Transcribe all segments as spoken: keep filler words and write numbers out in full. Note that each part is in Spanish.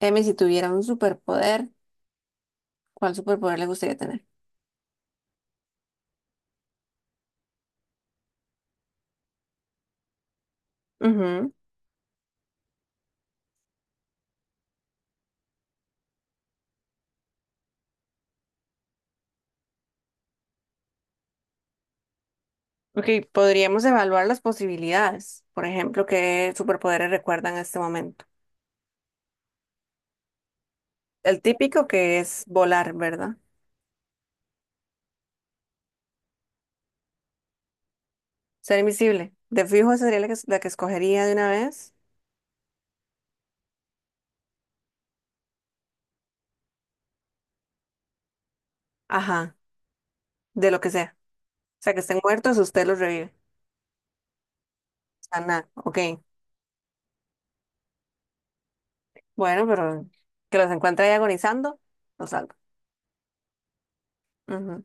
Dime, si tuviera un superpoder, ¿cuál superpoder le gustaría tener? Ujú. Ok, podríamos evaluar las posibilidades. Por ejemplo, ¿qué superpoderes recuerdan en este momento? El típico que es volar, ¿verdad? Ser invisible. De fijo esa sería la que, la que escogería de una vez. Ajá, de lo que sea. O sea, que estén muertos, usted los revive. Ah, nada, ok. Bueno, pero que los encuentre ahí agonizando, los salva. Ujú.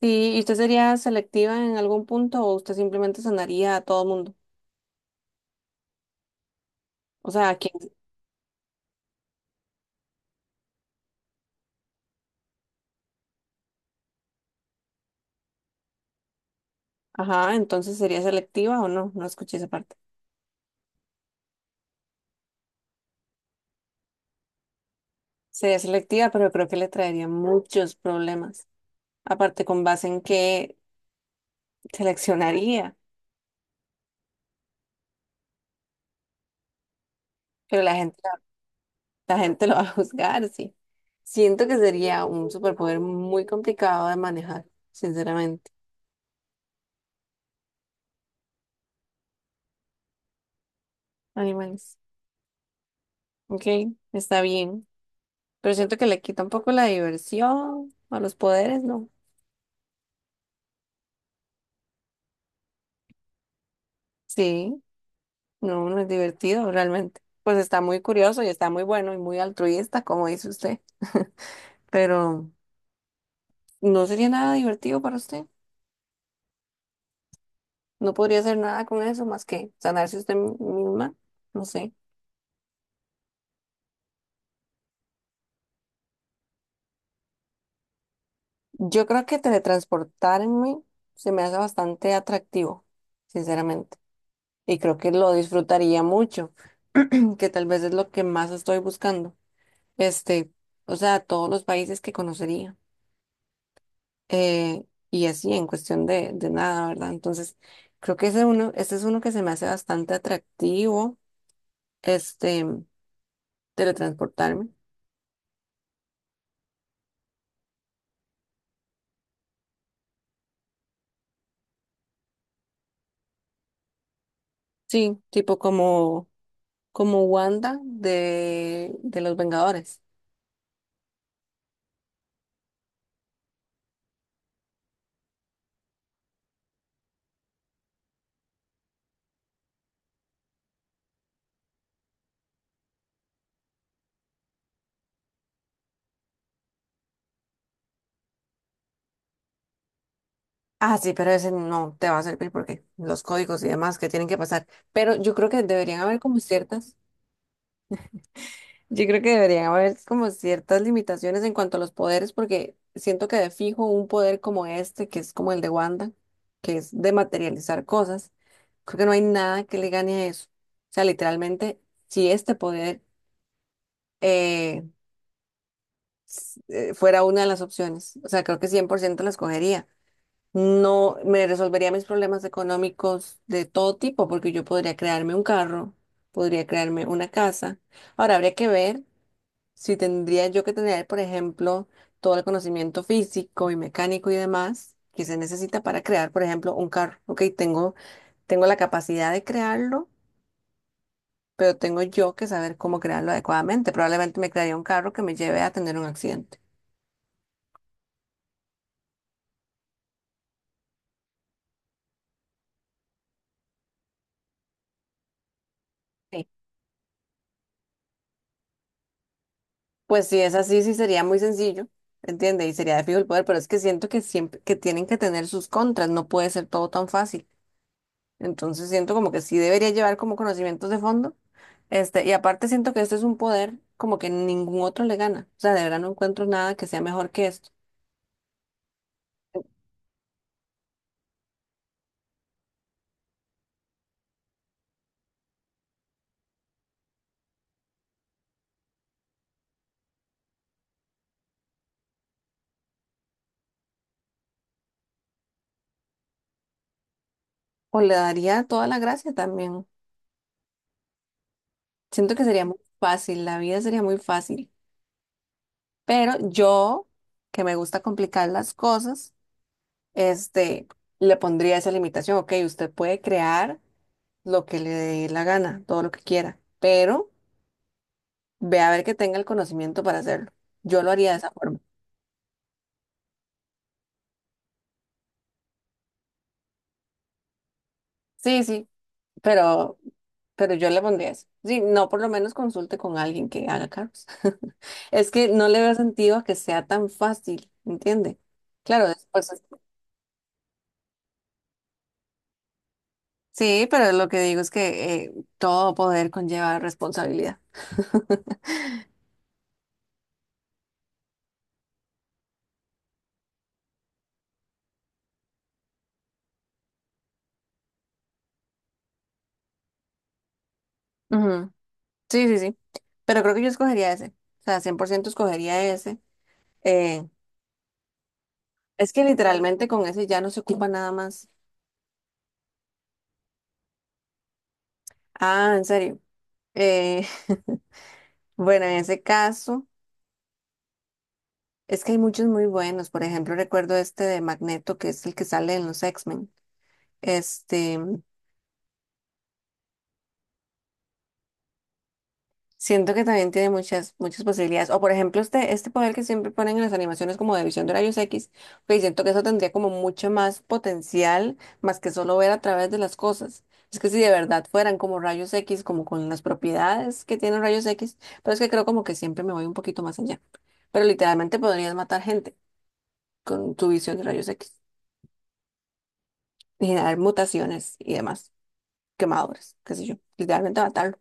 Sí, ¿y usted sería selectiva en algún punto o usted simplemente sanaría a todo mundo? O sea, ¿a quién? Ajá, entonces sería selectiva o no, no escuché esa parte. Sería selectiva, pero creo que le traería muchos problemas. Aparte, ¿con base en qué seleccionaría? Pero la gente, la gente lo va a juzgar, sí. Siento que sería un superpoder muy complicado de manejar, sinceramente. Animales. Ok, está bien. Pero siento que le quita un poco la diversión a los poderes, ¿no? Sí, no, no es divertido realmente. Pues está muy curioso y está muy bueno y muy altruista, como dice usted, pero no sería nada divertido para usted. No podría hacer nada con eso más que sanarse usted mi- misma. No sé. Yo creo que teletransportarme se me hace bastante atractivo, sinceramente. Y creo que lo disfrutaría mucho, que tal vez es lo que más estoy buscando. Este, o sea, todos los países que conocería. Eh, y así, en cuestión de, de nada, ¿verdad? Entonces, creo que ese uno, ese es uno que se me hace bastante atractivo, este, teletransportarme. Sí, tipo como, como Wanda de, de los Vengadores. Ah, sí, pero ese no te va a servir porque los códigos y demás que tienen que pasar. Pero yo creo que deberían haber como ciertas, yo creo que deberían haber como ciertas limitaciones en cuanto a los poderes, porque siento que de fijo un poder como este, que es como el de Wanda, que es de materializar cosas, creo que no hay nada que le gane a eso. O sea, literalmente, si este poder eh, eh, fuera una de las opciones, o sea, creo que cien por ciento la escogería. No me resolvería mis problemas económicos de todo tipo, porque yo podría crearme un carro, podría crearme una casa. Ahora habría que ver si tendría yo que tener, por ejemplo, todo el conocimiento físico y mecánico y demás que se necesita para crear, por ejemplo, un carro. Ok, tengo, tengo la capacidad de crearlo, pero tengo yo que saber cómo crearlo adecuadamente. Probablemente me crearía un carro que me lleve a tener un accidente. Sí. Pues si es así, sí sería muy sencillo, ¿entiende? Y sería de fijo el poder, pero es que siento que siempre que tienen que tener sus contras, no puede ser todo tan fácil. Entonces siento como que sí debería llevar como conocimientos de fondo. Este, y aparte siento que esto es un poder como que ningún otro le gana. O sea, de verdad no encuentro nada que sea mejor que esto. O le daría toda la gracia también. Siento que sería muy fácil, la vida sería muy fácil. Pero yo, que me gusta complicar las cosas, este, le pondría esa limitación. Ok, usted puede crear lo que le dé la gana, todo lo que quiera, pero ve a ver que tenga el conocimiento para hacerlo. Yo lo haría de esa forma. Sí, sí, pero, pero yo le pondría eso. Sí, no, por lo menos consulte con alguien que haga carros. Es que no le veo sentido a que sea tan fácil, ¿entiende? Claro, después. Sí, pero lo que digo es que eh, todo poder conlleva responsabilidad. Ujú. Sí, sí, sí. Pero creo que yo escogería ese. O sea, cien por ciento escogería ese. Eh, es que literalmente con ese ya no se ocupa nada más. Ah, en serio. Eh, bueno, en ese caso. Es que hay muchos muy buenos. Por ejemplo, recuerdo este de Magneto, que es el que sale en los X-Men. Este, siento que también tiene muchas, muchas posibilidades. O por ejemplo, este, este poder que siempre ponen en las animaciones como de visión de rayos X, pues siento que eso tendría como mucho más potencial, más que solo ver a través de las cosas. Es que si de verdad fueran como rayos X, como con las propiedades que tienen rayos X, pero es que creo como que siempre me voy un poquito más allá. Pero literalmente podrías matar gente con tu visión de rayos X, generar mutaciones y demás. Quemadores, qué sé yo, literalmente matarlo.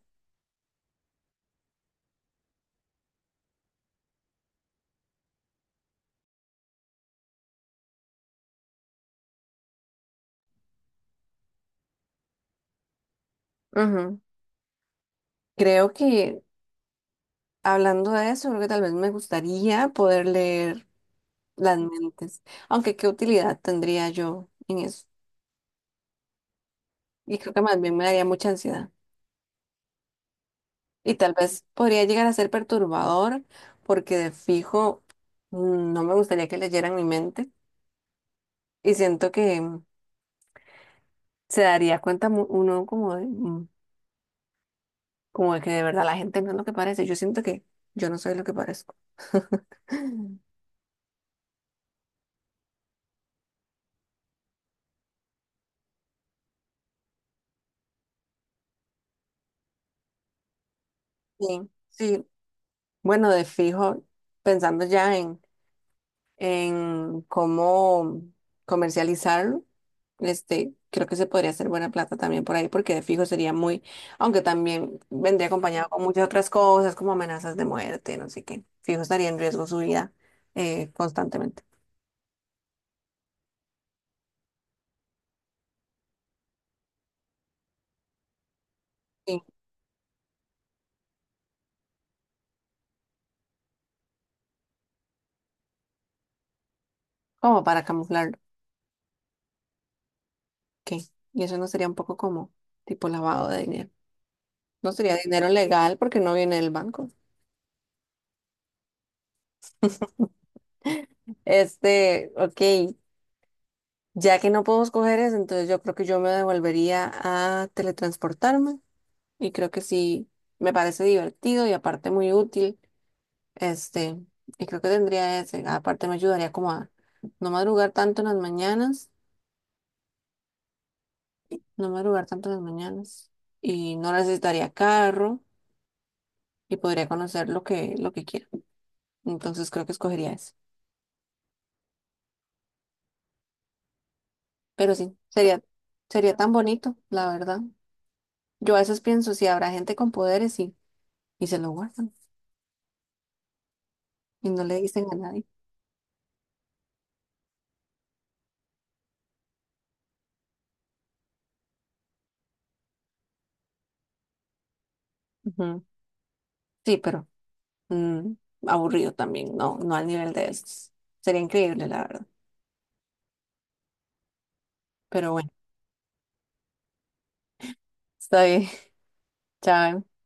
Ujú. Creo que hablando de eso, creo que tal vez me gustaría poder leer las mentes, aunque qué utilidad tendría yo en eso. Y creo que más bien me daría mucha ansiedad. Y tal vez podría llegar a ser perturbador porque de fijo mm, no me gustaría que leyeran mi mente, y siento que mm, se daría cuenta mu- uno como de, mm, como de que de verdad la gente no es lo que parece. Yo siento que yo no soy lo que parezco. Sí, sí. Bueno, de fijo, pensando ya en, en cómo comercializarlo, este, creo que se podría hacer buena plata también por ahí, porque de fijo sería muy, aunque también vendría acompañado con muchas otras cosas, como amenazas de muerte, no sé qué. Fijo estaría en riesgo su vida eh, constantemente. Sí, como para camuflarlo. ¿Qué? Y eso no sería un poco como tipo lavado de dinero. No sería dinero legal porque no viene del banco. Este, ok. Ya que no puedo escoger eso, entonces yo creo que yo me devolvería a teletransportarme y creo que sí me parece divertido y aparte muy útil. Este, y creo que tendría ese. Aparte me ayudaría como a no madrugar tanto en las mañanas, no madrugar tanto en las mañanas y no necesitaría carro y podría conocer lo que lo que quiera. Entonces creo que escogería eso. Pero sí, sería sería tan bonito, la verdad. Yo a veces pienso si habrá gente con poderes y y se lo guardan y no le dicen a nadie. Ujú. Sí, pero mm, aburrido también, no, no al nivel de estos. Sería increíble, la verdad. Pero bueno, está bien. Chao.